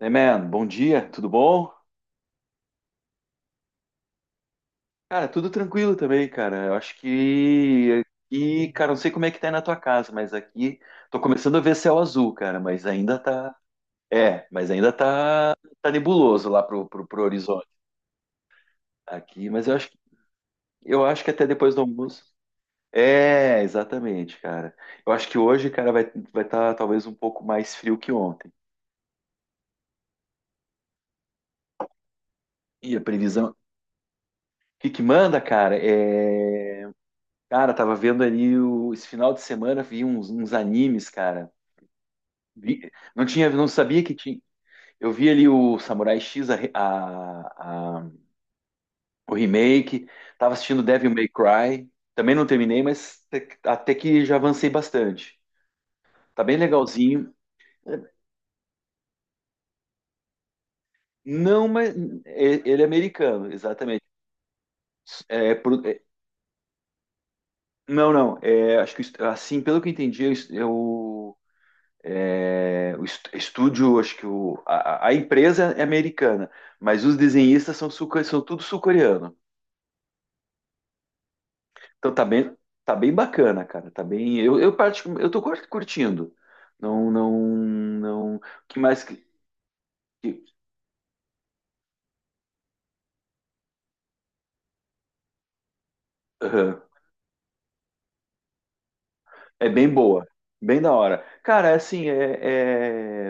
Hey man, bom dia, tudo bom? Cara, tudo tranquilo também, cara. Eu acho que aqui, cara, não sei como é que tá aí na tua casa, mas aqui tô começando a ver céu azul, cara, mas ainda tá. É, mas ainda tá, tá nebuloso lá pro horizonte aqui, mas eu acho eu acho que até depois do almoço. É, exatamente, cara. Eu acho que hoje, cara, vai tá talvez um pouco mais frio que ontem. E a previsão. O que que manda, cara? Cara, tava vendo ali esse final de semana, vi uns animes, cara. Vi- não tinha, não sabia que tinha. Eu vi ali o Samurai X, a, re- a- o remake, tava assistindo Devil May Cry. Também não terminei, mas até que já avancei bastante. Tá bem legalzinho. Não, mas ele é americano, exatamente. É, pro- é- não, não. Acho que assim, pelo que eu entendi, eu, é, o estúdio, acho que o, a empresa é americana, mas os desenhistas são, são tudo sul-coreano. Então tá bem bacana, cara. Tá bem. Eu tô curtindo. Não, não, não. O que mais que. que- aham. É bem boa. Bem da hora. Cara, é assim, é,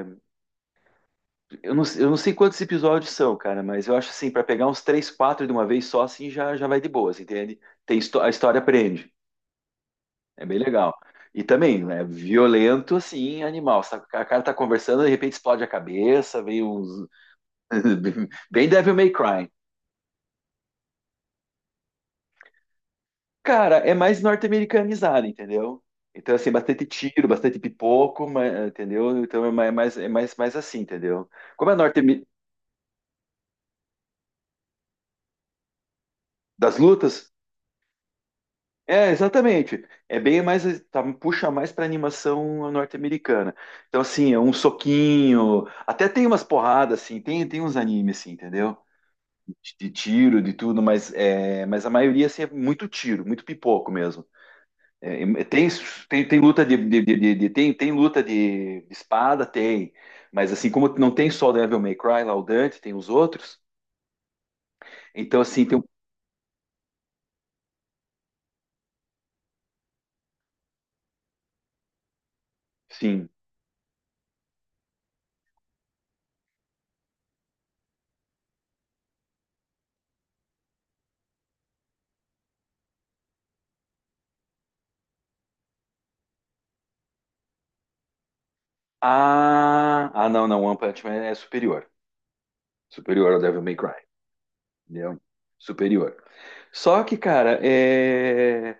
é- eu não, eu não sei quantos episódios são, cara, mas eu acho assim, pra pegar uns três, quatro de uma vez só, assim, já vai de boas, entende? A história prende. É bem legal. E também, é violento, assim, animal. A cara tá conversando, de repente explode a cabeça, vem uns. Bem Devil May Cry. Cara, é mais norte-americanizado, entendeu? Então, assim, bastante tiro, bastante pipoco, entendeu? Então é mais assim, entendeu? Como é norte das lutas. É, exatamente. É bem mais. Tá, puxa mais pra animação norte-americana. Então, assim, é um soquinho. Até tem umas porradas, assim. Tem uns animes, assim, entendeu? De tiro, de tudo, mas, é, mas a maioria assim, é muito tiro, muito pipoco mesmo. É, é, tem, tem luta tem luta de espada, tem, mas assim como não tem só o Devil May Cry, lá o Dante, tem os outros, então assim tem um. Sim. Não, não, o One Punch Man é superior, superior ao Devil May Cry, entendeu? Superior. Só que, cara, é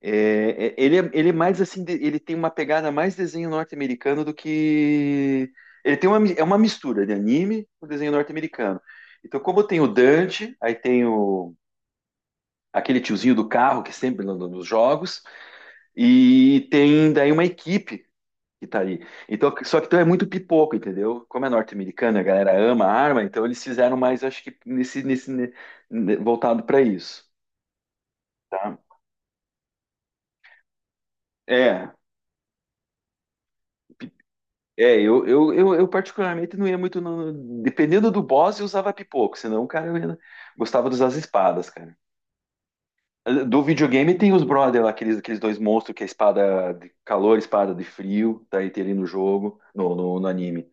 É, é- ele, é, ele é mais assim, ele tem uma pegada mais desenho norte-americano do que. Ele tem uma, é uma mistura de anime com desenho norte-americano. Então, como tem o Dante, aí tem aquele tiozinho do carro que sempre anda nos jogos, e tem daí uma equipe que tá ali. Então, só que então é muito pipoco, entendeu? Como é norte-americano, a galera ama a arma, então eles fizeram mais, acho que nesse voltado para isso, tá? É. É, eu particularmente não ia muito. Dependendo do boss, eu usava pipoco, senão, o cara, gostava de usar as espadas, cara. Do videogame tem os brother lá, aqueles dois monstros que é espada de calor, espada de frio, tá aí tem ali no jogo, no anime.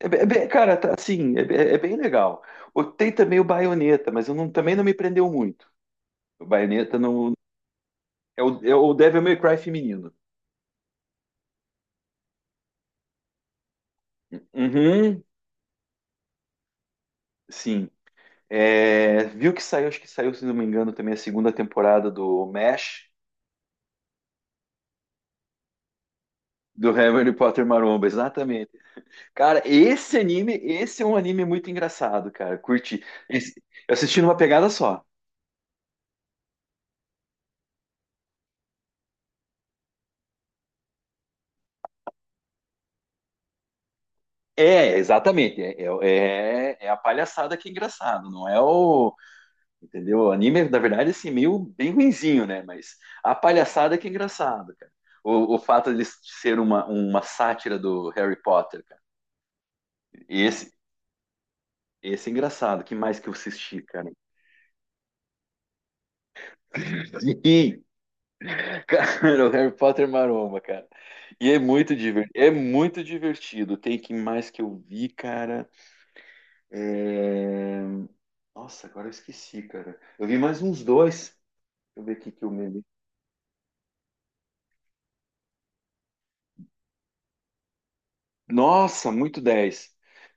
Cara, tá, assim, é bem legal. Tem também o Bayonetta, mas eu não- também não me prendeu muito. O Bayonetta não. É o Devil May Cry feminino. Uhum, sim. É, viu que saiu, acho que saiu, se não me engano, também a segunda temporada do MASH, do Harry Potter Maromba, exatamente. Cara, esse anime, esse é um anime muito engraçado, cara. Curti. Eu assisti numa pegada só. É, exatamente. É a palhaçada que é engraçado, não é o. Entendeu? O anime, na verdade, assim, meio bem ruinzinho, né? Mas a palhaçada que é engraçado, cara. O fato de ser uma sátira do Harry Potter, cara. Esse, Esse é engraçado. Que mais que eu assisti, cara? Sim, cara, o Harry Potter Maromba, cara. E é muito divertido, é muito divertido. Tem que mais que eu vi, cara. É, Nossa, agora eu esqueci, cara. Eu vi mais uns dois. Deixa eu ver aqui que eu me li. Nossa, muito 10.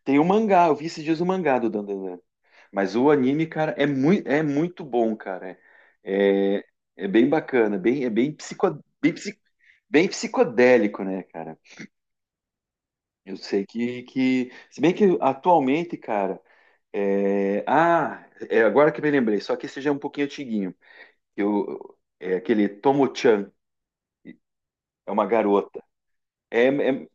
Tem o mangá, eu vi esses dias o mangá do Dandadan. Mas o anime, cara, é muito bom, cara. É, é bem bacana, bem, bem, psi- bem psicodélico, né, cara? Eu sei que, que. Se bem que atualmente, cara. Ah, é agora que me lembrei, só que esse já é um pouquinho antiguinho. Eu... É aquele Tomo-chan, é uma garota. É, é,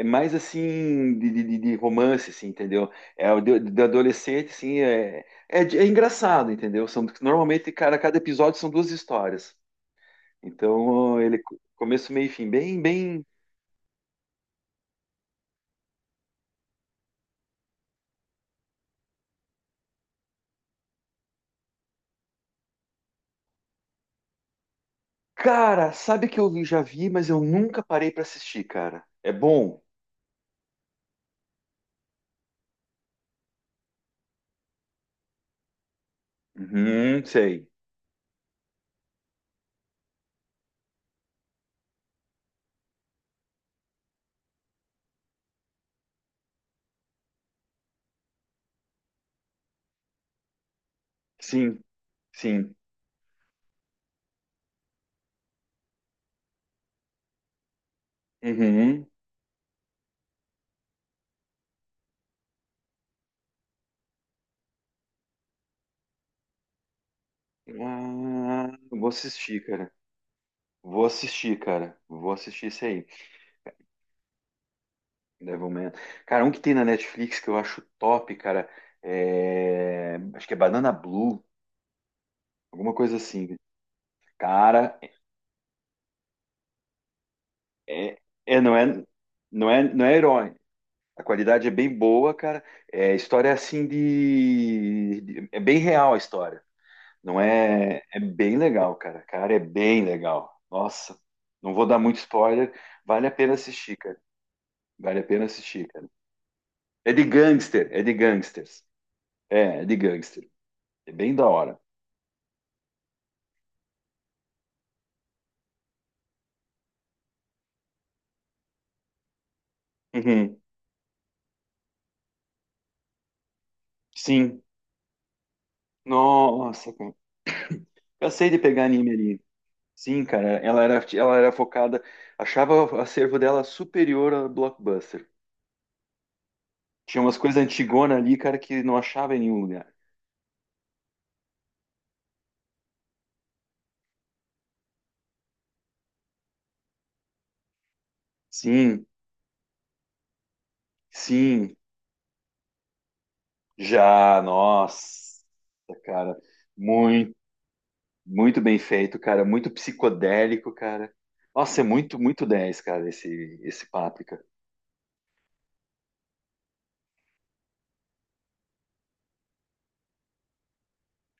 É mais assim de romance, assim, entendeu? É o de adolescente, assim, é engraçado, entendeu? São, normalmente, cara, cada episódio são duas histórias. Então, ele começo, meio e fim, bem, bem. Cara, sabe que já vi, mas eu nunca parei pra assistir, cara. É bom. Uhum, sei. Sim, sim. Uhum. Ah, vou assistir, cara. Vou assistir, cara. Vou assistir isso aí. Devilman. Cara, um que tem na Netflix que eu acho top, cara. Acho que é Banana Blue, alguma coisa assim. Cara, é... não é... Não é... não é herói. A qualidade é bem boa, cara. É, a história é assim é bem real a história. Não é, é bem legal, cara. Cara, é bem legal. Nossa, não vou dar muito spoiler. Vale a pena assistir, cara. Vale a pena assistir, cara. É de gangster, é de gangsters. É, é de gangster. É bem da hora. Uhum. Sim. Nossa, cara. Cansei de pegar anime ali. Sim, cara. Ela era focada. Achava o acervo dela superior a Blockbuster. Tinha umas coisas antigonas ali, cara, que não achava em nenhum lugar. Sim, sim. Já, nossa, cara, muito, muito bem feito, cara, muito psicodélico, cara. Nossa, é muito, muito 10, cara, esse Páprica.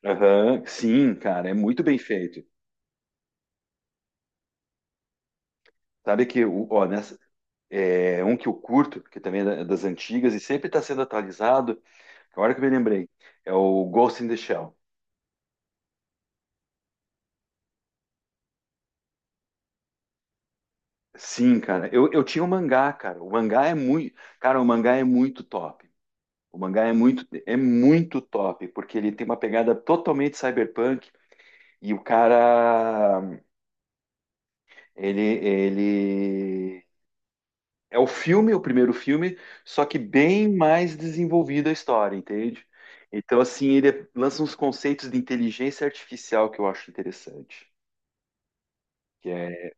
Aham, sim, cara, é muito bem feito. Sabe que, ó, nessa, é um que eu curto, que também é das antigas e sempre está sendo atualizado, agora que eu me lembrei, é o Ghost in the Shell. Sim, cara, eu tinha o mangá, cara, o mangá é muito, cara, o mangá é muito top. O mangá é muito top, porque ele tem uma pegada totalmente cyberpunk e o cara, ele é o filme, o primeiro filme, só que bem mais desenvolvida a história, entende? Então, assim, ele lança uns conceitos de inteligência artificial que eu acho interessante, que é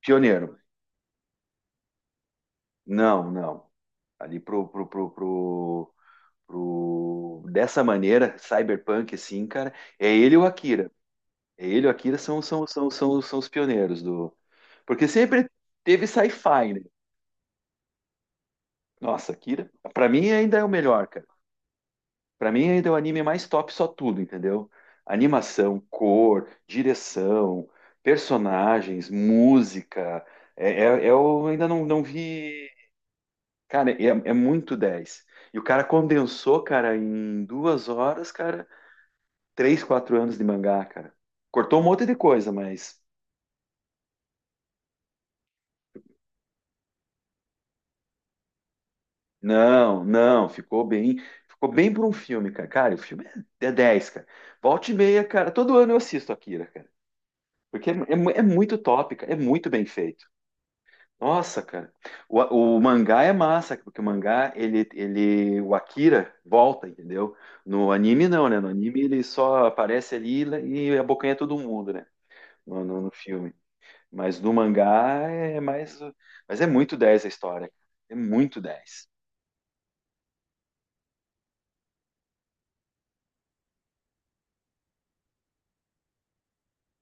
pioneiro. Não, não. Ali pro... dessa maneira, cyberpunk, assim, cara, é ele e o Akira. Ele e o Akira são os pioneiros do. Porque sempre teve sci-fi, né? Nossa, Akira, pra mim ainda é o melhor, cara. Pra mim ainda é o anime mais top, só tudo, entendeu? Animação, cor, direção, personagens, música. Eu ainda não, não vi. Cara, é, é muito dez. E o cara condensou, cara, em 2 horas, cara, 3, 4 anos de mangá, cara. Cortou um monte de coisa, mas não, não, ficou bem por um filme, cara. Cara, o filme é 10, cara. Volta e meia, cara. Todo ano eu assisto Akira, cara. Porque é, é muito top, cara. É muito bem feito. Nossa, cara. O mangá é massa, porque o mangá, ele, o Akira volta, entendeu? No anime não, né? No anime ele só aparece ali e abocanha todo mundo, né? No filme. Mas no mangá é mais. Mas é muito 10 a história. É muito 10.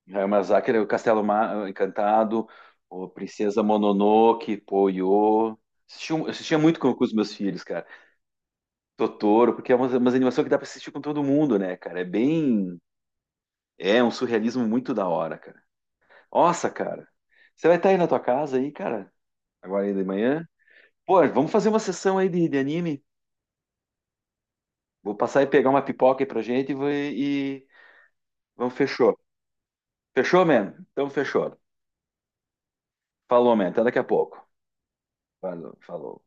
Miyazaki, o Castelo Encantado, o Princesa Mononoke, Poyo. Assistia muito com os meus filhos, cara. Totoro, porque é uma umas animações que dá pra assistir com todo mundo, né, cara? É bem. É um surrealismo muito da hora, cara. Nossa, cara. Você vai estar aí na tua casa aí, cara? Agora aí de manhã? Pô, vamos fazer uma sessão aí de anime? Vou passar e pegar uma pipoca aí pra gente e, e... Vamos, fechou. Fechou, man? Então, fechou. Falou, man. Até daqui a pouco. Falou, falou.